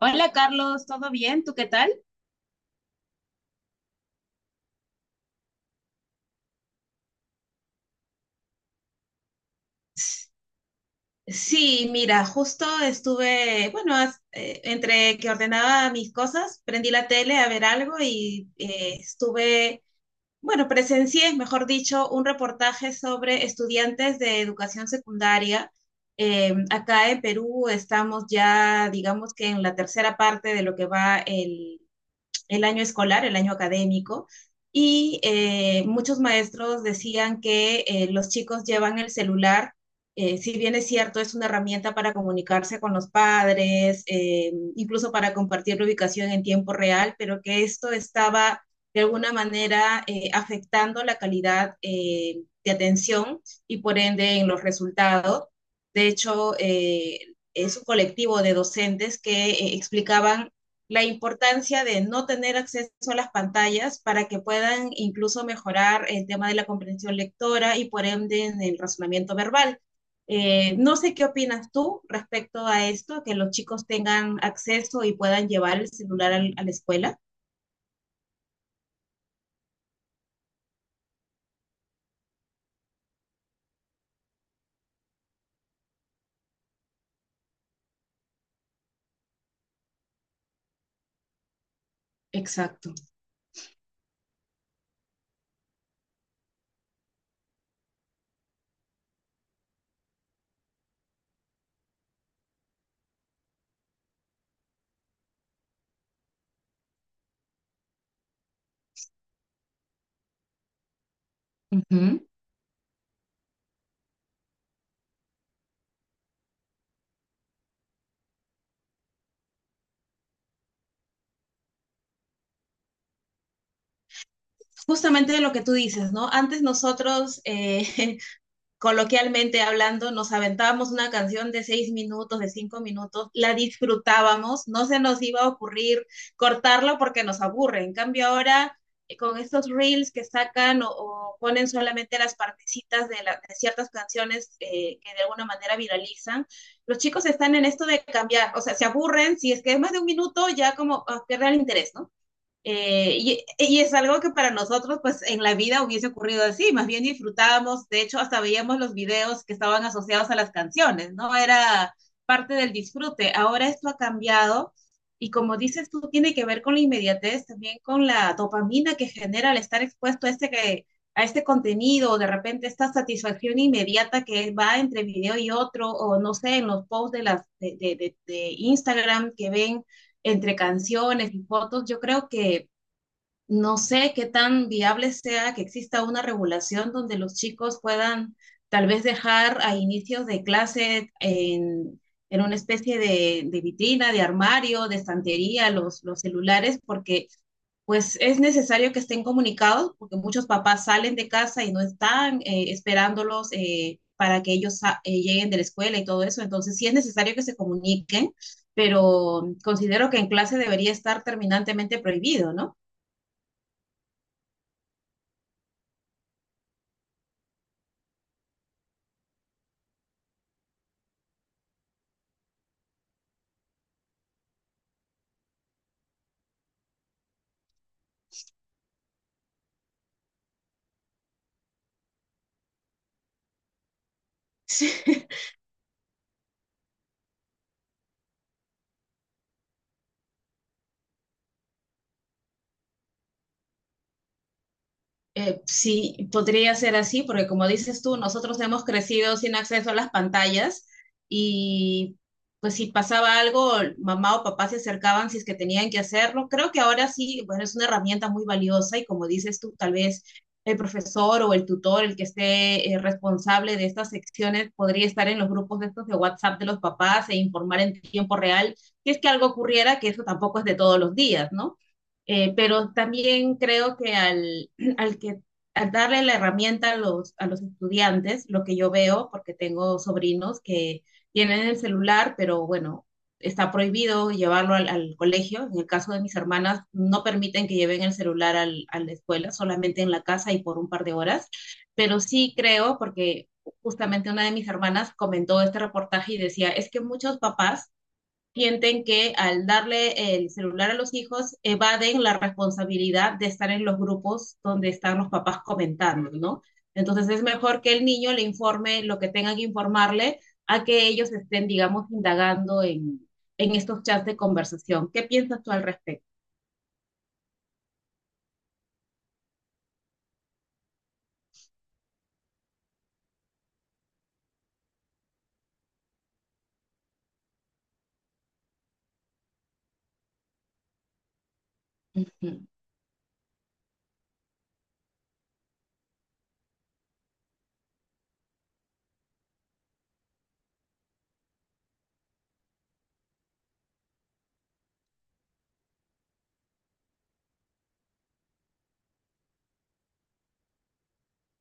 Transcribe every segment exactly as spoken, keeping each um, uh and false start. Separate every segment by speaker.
Speaker 1: Hola Carlos, ¿todo bien? ¿Tú qué tal? Sí, mira, justo estuve, bueno, as- eh, entre que ordenaba mis cosas, prendí la tele a ver algo y eh, estuve, bueno, presencié, mejor dicho, un reportaje sobre estudiantes de educación secundaria. Eh, acá en Perú estamos ya, digamos que en la tercera parte de lo que va el año escolar, el año académico, y eh, muchos maestros decían que eh, los chicos llevan el celular. Eh, si bien es cierto, es una herramienta para comunicarse con los padres, eh, incluso para compartir la ubicación en tiempo real, pero que esto estaba de alguna manera eh, afectando la calidad eh, de atención y por ende en los resultados. De hecho, eh, es un colectivo de docentes que eh, explicaban la importancia de no tener acceso a las pantallas para que puedan incluso mejorar el tema de la comprensión lectora y por ende en el razonamiento verbal. Eh, no sé qué opinas tú respecto a esto, que los chicos tengan acceso y puedan llevar el celular al, a la escuela. Exacto. Uh -huh. Justamente lo que tú dices, ¿no? Antes nosotros eh, coloquialmente hablando, nos aventábamos una canción de seis minutos, de cinco minutos, la disfrutábamos. No se nos iba a ocurrir cortarlo porque nos aburre. En cambio ahora, eh, con estos reels que sacan o, o ponen solamente las partecitas de, la, de ciertas canciones eh, que de alguna manera viralizan, los chicos están en esto de cambiar, o sea, se aburren, si es que es más de un minuto, ya como ah, pierde el interés, ¿no? Eh, y, y es algo que para nosotros, pues en la vida hubiese ocurrido así, más bien disfrutábamos, de hecho, hasta veíamos los videos que estaban asociados a las canciones, ¿no? Era parte del disfrute. Ahora esto ha cambiado y como dices tú, tiene que ver con la inmediatez, también con la dopamina que genera al estar expuesto a este, que, a este contenido, o de repente esta satisfacción inmediata que va entre video y otro, o no sé, en los posts de, las, de, de, de, de Instagram que ven entre canciones y fotos. Yo creo que no sé qué tan viable sea que exista una regulación donde los chicos puedan tal vez dejar a inicios de clase en, en una especie de, de vitrina, de armario, de estantería, los, los celulares, porque pues es necesario que estén comunicados, porque muchos papás salen de casa y no están eh, esperándolos eh, para que ellos sa- eh, lleguen de la escuela y todo eso. Entonces sí es necesario que se comuniquen, pero considero que en clase debería estar terminantemente prohibido, ¿no? Eh, sí, podría ser así, porque como dices tú, nosotros hemos crecido sin acceso a las pantallas y pues si pasaba algo, mamá o papá se acercaban si es que tenían que hacerlo. Creo que ahora sí, bueno, es una herramienta muy valiosa y como dices tú, tal vez el profesor o el tutor, el que esté eh, responsable de estas secciones, podría estar en los grupos de estos de WhatsApp de los papás e informar en tiempo real si es que algo ocurriera, que eso tampoco es de todos los días, ¿no? Eh, pero también creo que al, al que al darle la herramienta a los, a los estudiantes, lo que yo veo, porque tengo sobrinos que tienen el celular, pero bueno, está prohibido llevarlo al, al colegio. En el caso de mis hermanas, no permiten que lleven el celular al, a la escuela, solamente en la casa y por un par de horas. Pero sí creo, porque justamente una de mis hermanas comentó este reportaje y decía, es que muchos papás sienten que al darle el celular a los hijos evaden la responsabilidad de estar en los grupos donde están los papás comentando, ¿no? Entonces es mejor que el niño le informe lo que tengan que informarle a que ellos estén, digamos, indagando en, en estos chats de conversación. ¿Qué piensas tú al respecto? Ujú,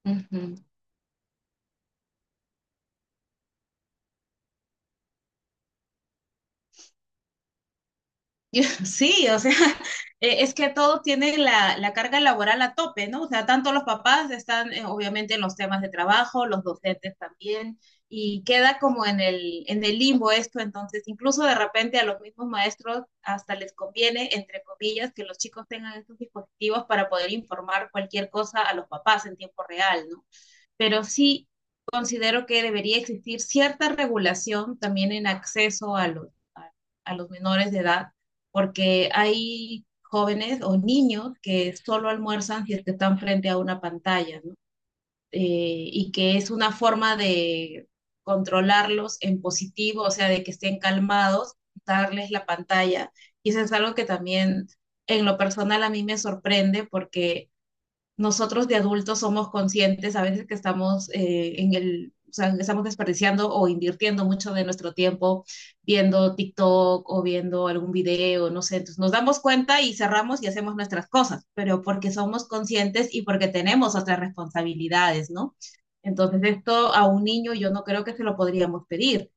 Speaker 1: ujú. Yo- Sí, o sea, eh, es que todos tienen la, la carga laboral a tope, ¿no? O sea, tanto los papás están eh, obviamente en los temas de trabajo, los docentes también, y queda como en el, en el limbo esto, entonces incluso de repente a los mismos maestros hasta les conviene, entre comillas, que los chicos tengan estos dispositivos para poder informar cualquier cosa a los papás en tiempo real, ¿no? Pero sí considero que debería existir cierta regulación también en acceso a los, a, a los menores de edad, porque hay jóvenes o niños que solo almuerzan si es que están frente a una pantalla, ¿no? Eh, y que es una forma de controlarlos en positivo, o sea, de que estén calmados, darles la pantalla. Y eso es algo que también en lo personal a mí me sorprende porque nosotros de adultos somos conscientes a veces que estamos eh, en el, o sea, estamos desperdiciando o invirtiendo mucho de nuestro tiempo viendo TikTok o viendo algún video, no sé, entonces nos damos cuenta y cerramos y hacemos nuestras cosas, pero porque somos conscientes y porque tenemos otras responsabilidades, ¿no? Entonces esto a un niño yo no creo que se lo podríamos pedir.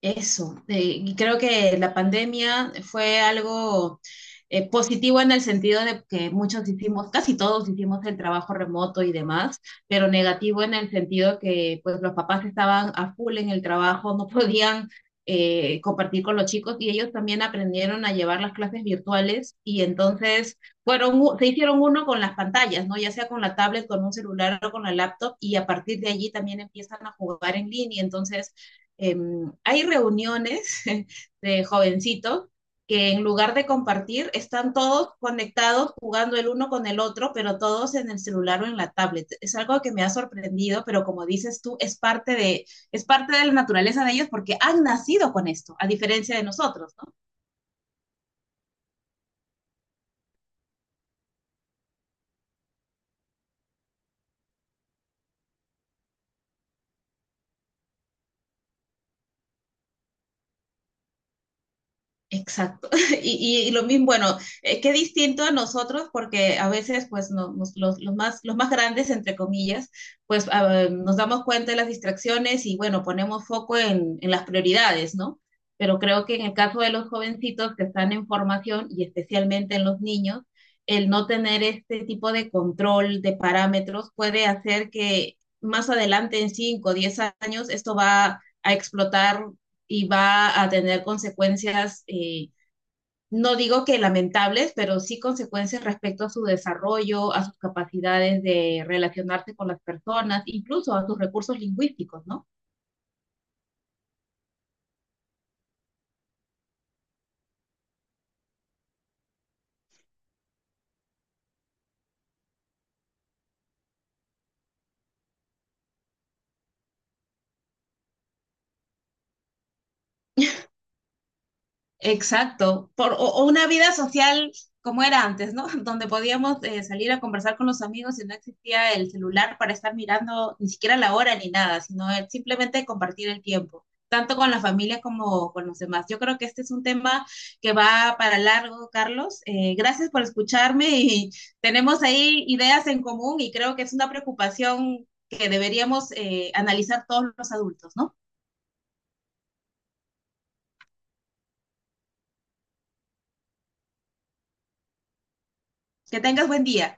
Speaker 1: Eso, eh, y creo que la pandemia fue algo eh, positivo en el sentido de que muchos hicimos, casi todos hicimos el trabajo remoto y demás, pero negativo en el sentido que pues los papás estaban a full en el trabajo, no podían eh, compartir con los chicos y ellos también aprendieron a llevar las clases virtuales y entonces fueron, u- se hicieron uno con las pantallas, ¿no? Ya sea con la tablet, con un celular o con la laptop y a partir de allí también empiezan a jugar en línea. Entonces eh, hay reuniones de jovencitos que en lugar de compartir están todos conectados jugando el uno con el otro, pero todos en el celular o en la tablet. Es algo que me ha sorprendido, pero como dices tú, es parte de, es parte de la naturaleza de ellos porque han nacido con esto, a diferencia de nosotros, ¿no? Exacto. Y, y- y lo mismo, bueno, eh, qué distinto a nosotros, porque a veces, pues, no- nos- los, los más, los más grandes, entre comillas, pues ah, nos damos cuenta de las distracciones y, bueno, ponemos foco en, en las prioridades, ¿no? Pero creo que en el caso de los jovencitos que están en formación y especialmente en los niños, el no tener este tipo de control de parámetros puede hacer que más adelante, en cinco o diez años, esto va a explotar y va a tener consecuencias, eh, no digo que lamentables, pero sí consecuencias respecto a su desarrollo, a sus capacidades de relacionarse con las personas, incluso a sus recursos lingüísticos, ¿no? Exacto, por, o, o una vida social como era antes, ¿no? Donde podíamos eh, salir a conversar con los amigos y no existía el celular para estar mirando ni siquiera la hora ni nada, sino el- simplemente compartir el tiempo, tanto con la familia como con los demás. Yo creo que este es un tema que va para largo, Carlos. Eh, gracias por escucharme y tenemos ahí ideas en común y creo que es una preocupación que deberíamos eh, analizar todos los adultos, ¿no? Que tengas buen día.